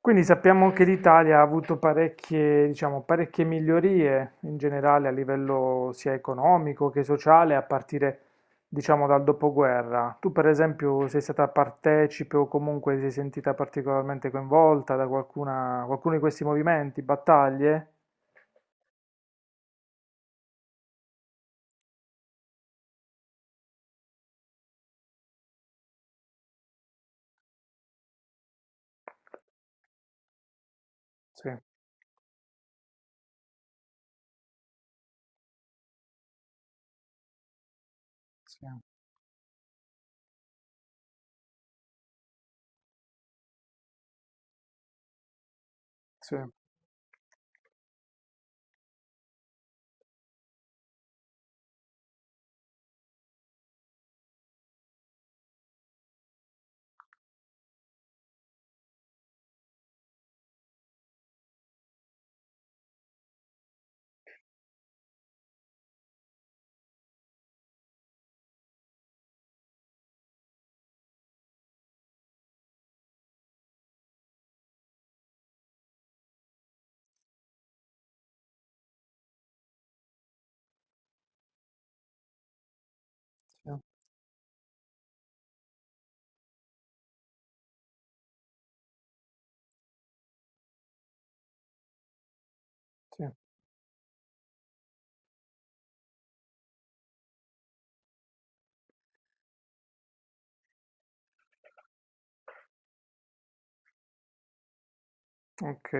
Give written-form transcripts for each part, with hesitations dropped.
Quindi sappiamo che l'Italia ha avuto parecchie, diciamo, parecchie migliorie in generale a livello sia economico che sociale a partire, diciamo, dal dopoguerra. Tu, per esempio, sei stata partecipe o comunque ti sei sentita particolarmente coinvolta da qualcuna, qualcuno di questi movimenti, battaglie? Sì, sì, sì, sì, sì. Ok.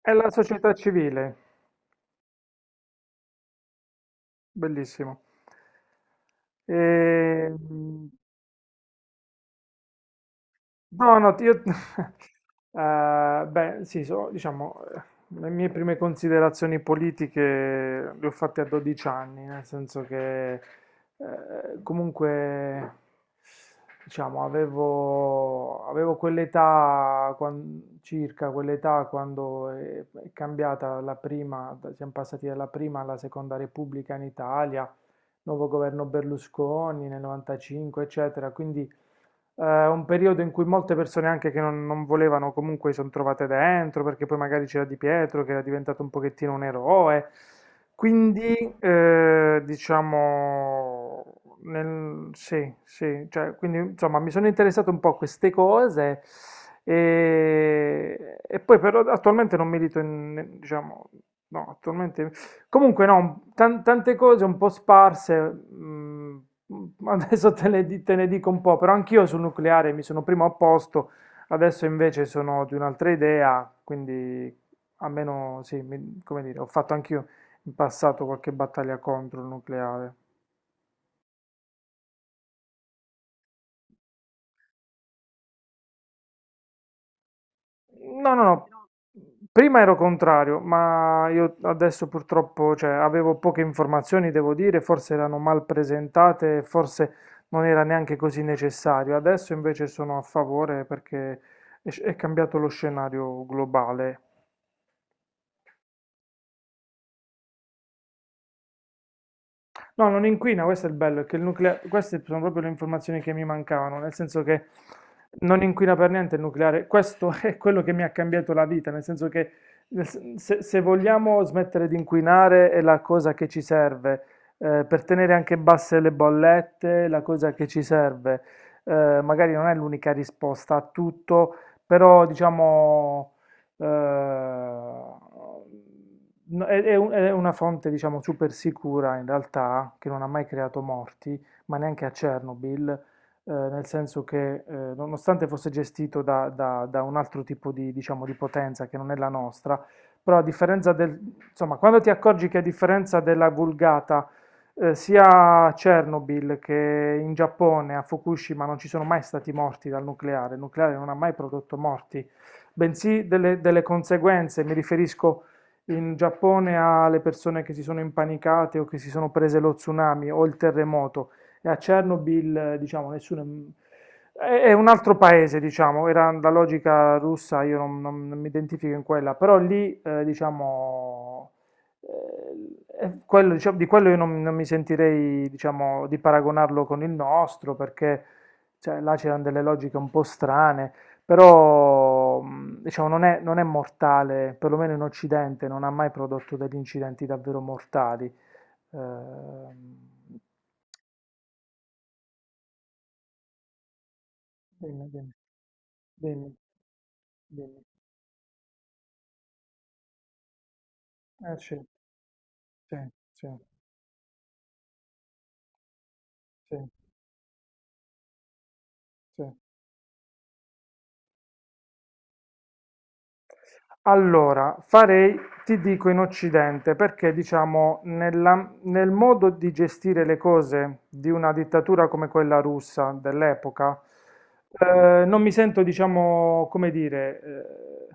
È la società civile, bellissimo. Ehm, No, no, io... beh, sì, diciamo, le mie prime considerazioni politiche le ho fatte a 12 anni, nel senso che comunque, diciamo, avevo quell'età, circa quell'età quando è cambiata la prima, siamo passati dalla prima alla seconda Repubblica in Italia, nuovo governo Berlusconi nel 95, eccetera, quindi un periodo in cui molte persone anche che non, non volevano comunque si sono trovate dentro, perché poi magari c'era Di Pietro che era diventato un pochettino un eroe. Quindi, diciamo, sì, sì, cioè, quindi insomma mi sono interessato un po' a queste cose e poi però attualmente non milito in, diciamo, no, attualmente comunque no, tante cose un po' sparse, adesso te ne dico un po', però anch'io sul nucleare mi sono prima opposto, adesso invece sono di un'altra idea, quindi almeno sì, come dire, ho fatto anch'io in passato qualche battaglia contro il nucleare. No, no, no. Prima ero contrario, ma io adesso purtroppo, cioè, avevo poche informazioni, devo dire, forse erano mal presentate, forse non era neanche così necessario. Adesso invece sono a favore perché è cambiato lo scenario globale. No, non inquina, questo è il bello, è che il nucleare, queste sono proprio le informazioni che mi mancavano, nel senso che non inquina per niente il nucleare, questo è quello che mi ha cambiato la vita, nel senso che se vogliamo smettere di inquinare è la cosa che ci serve, per tenere anche basse le bollette, è la cosa che ci serve. Magari non è l'unica risposta a tutto, però diciamo No, è una fonte, diciamo, super sicura in realtà, che non ha mai creato morti, ma neanche a Chernobyl, nel senso che, nonostante fosse gestito da un altro tipo di, diciamo, di potenza che non è la nostra, però a differenza del, insomma, quando ti accorgi che a differenza della vulgata, sia a Chernobyl che in Giappone, a Fukushima, non ci sono mai stati morti dal nucleare, il nucleare non ha mai prodotto morti, bensì delle conseguenze, mi riferisco in Giappone ha le persone che si sono impanicate o che si sono prese lo tsunami o il terremoto e a Chernobyl, diciamo, nessuno... È un altro paese, diciamo, era la logica russa, io non mi identifico in quella, però lì, diciamo, è quello, diciamo, di quello io non mi sentirei, diciamo, di paragonarlo con il nostro, perché cioè, là c'erano delle logiche un po' strane. Però, diciamo, non è mortale, perlomeno in Occidente, non ha mai prodotto degli incidenti davvero mortali. Ehm, dimmi, dimmi, dimmi, dimmi. Eh sì, sì, sì, sì, sì. Allora, farei, ti dico in Occidente, perché diciamo nella- nel modo di gestire le cose di una dittatura come quella russa dell'epoca, non mi sento, diciamo, come dire, eh,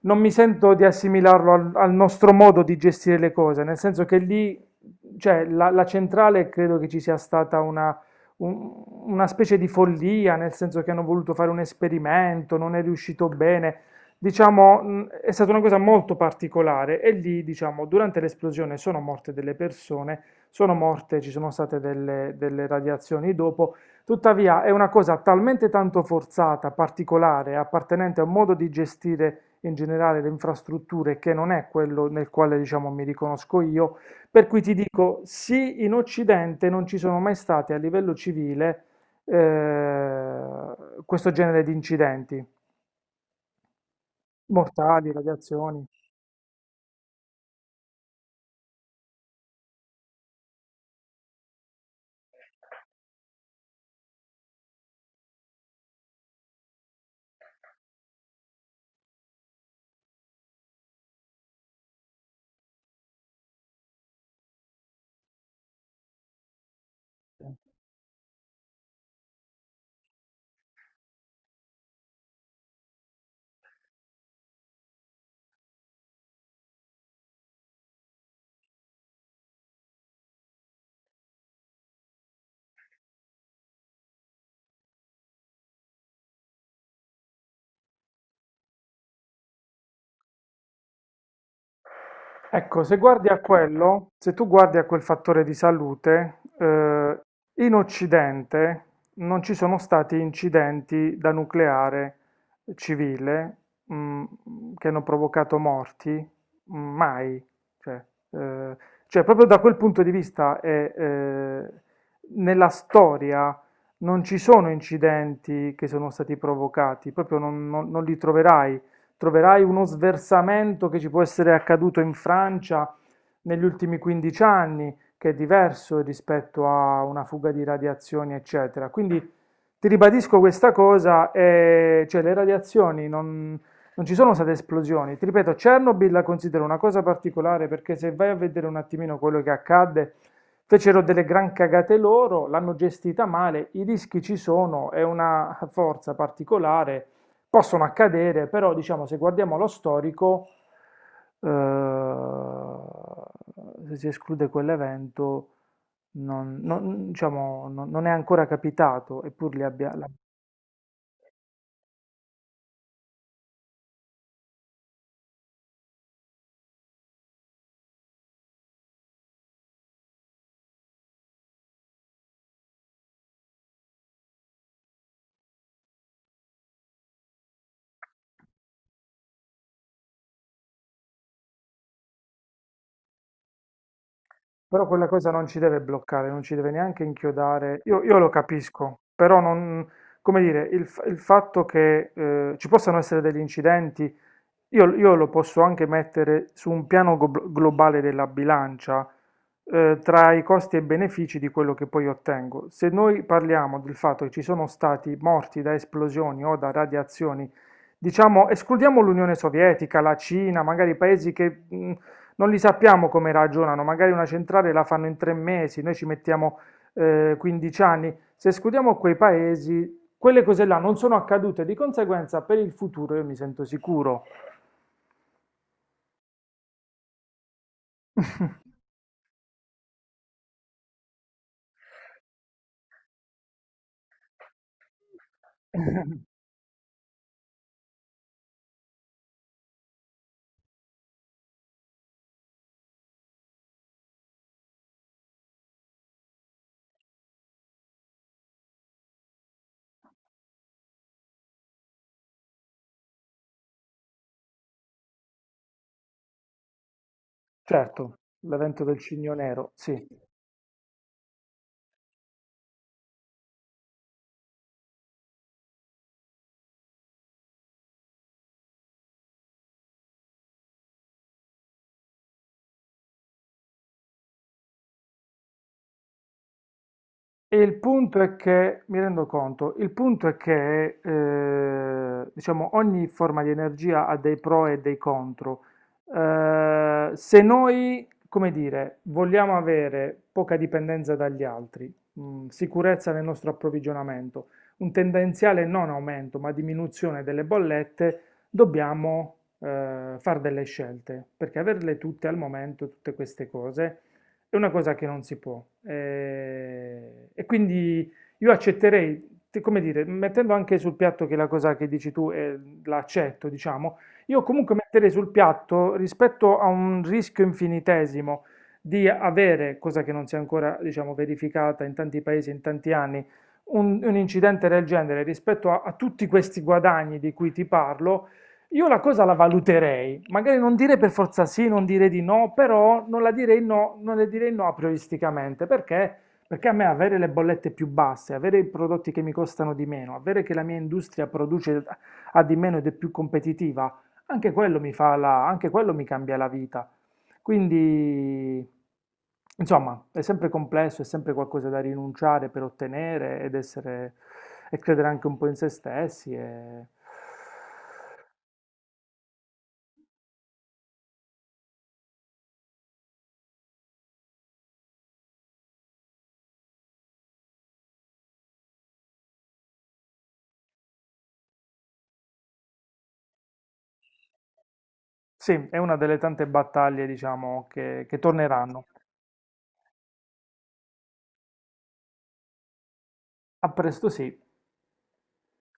non mi sento di assimilarlo al, al nostro modo di gestire le cose, nel senso che lì, cioè, la centrale credo che ci sia stata una una specie di follia, nel senso che hanno voluto fare un esperimento, non è riuscito bene. Diciamo, è stata una cosa molto particolare e lì, diciamo, durante l'esplosione sono morte delle persone, sono morte, ci sono state delle radiazioni dopo, tuttavia è una cosa talmente tanto forzata, particolare, appartenente a un modo di gestire in generale le infrastrutture che non è quello nel quale, diciamo, mi riconosco io, per cui ti dico, sì, in Occidente non ci sono mai stati a livello civile eh, questo genere di incidenti mortali, radiazioni. Ecco, se guardi a quello, se tu guardi a quel fattore di salute, in Occidente non ci sono stati incidenti da nucleare civile, mm, che hanno provocato morti, mm, mai. Cioè, eh, cioè, proprio da quel punto di vista, è, nella storia non ci sono incidenti che sono stati provocati, proprio non li troverai uno sversamento che ci può essere accaduto in Francia negli ultimi 15 anni, che è diverso rispetto a una fuga di radiazioni, eccetera. Quindi ti ribadisco questa cosa, cioè le radiazioni non, non ci sono state esplosioni. Ti ripeto, Chernobyl la considero una cosa particolare perché se vai a vedere un attimino quello che accadde, fecero delle gran cagate loro, l'hanno gestita male, i rischi ci sono, è una forza particolare possono accadere, però diciamo se guardiamo lo storico, se si esclude quell'evento, diciamo, non è ancora capitato, eppur li abbia... Però quella cosa non ci deve bloccare, non ci deve neanche inchiodare. Io lo capisco, però non, come dire, il fatto che ci possano essere degli incidenti io lo posso anche mettere su un piano globale della bilancia, tra i costi e benefici di quello che poi ottengo. Se noi parliamo del fatto che ci sono stati morti da esplosioni o da radiazioni, diciamo, escludiamo l'Unione Sovietica, la Cina, magari paesi che non li sappiamo come ragionano, magari una centrale la fanno in 3 mesi, noi ci mettiamo 15 anni. Se escludiamo quei paesi, quelle cose là non sono accadute, di conseguenza per il futuro io mi sento sicuro. Certo, l'evento del Cigno Nero, sì. E il punto è che, mi rendo conto, il punto è che diciamo, ogni forma di energia ha dei pro e dei contro. Se noi, come dire, vogliamo avere poca dipendenza dagli altri, sicurezza nel nostro approvvigionamento, un tendenziale non aumento ma diminuzione delle bollette, dobbiamo fare delle scelte, perché averle tutte al momento, tutte queste cose, è una cosa che non si può. E quindi io accetterei, come dire, mettendo anche sul piatto che la cosa che dici tu l'accetto, diciamo, io comunque metterei sul piatto rispetto a un rischio infinitesimo di avere, cosa che non si è ancora, diciamo, verificata in tanti paesi, in tanti anni, un incidente del genere rispetto a tutti questi guadagni di cui ti parlo io la cosa la valuterei, magari non dire per forza sì, non dire di no, però non la direi no, non le direi no aprioristicamente, perché? Perché a me avere le bollette più basse, avere i prodotti che mi costano di meno, avere che la mia industria produce a di meno ed è più competitiva, anche quello mi fa la, anche quello mi cambia la vita. Quindi, insomma, è sempre complesso, è sempre qualcosa da rinunciare per ottenere ed essere, e credere anche un po' in se stessi e sì, è una delle tante battaglie, diciamo, che torneranno. A presto sì.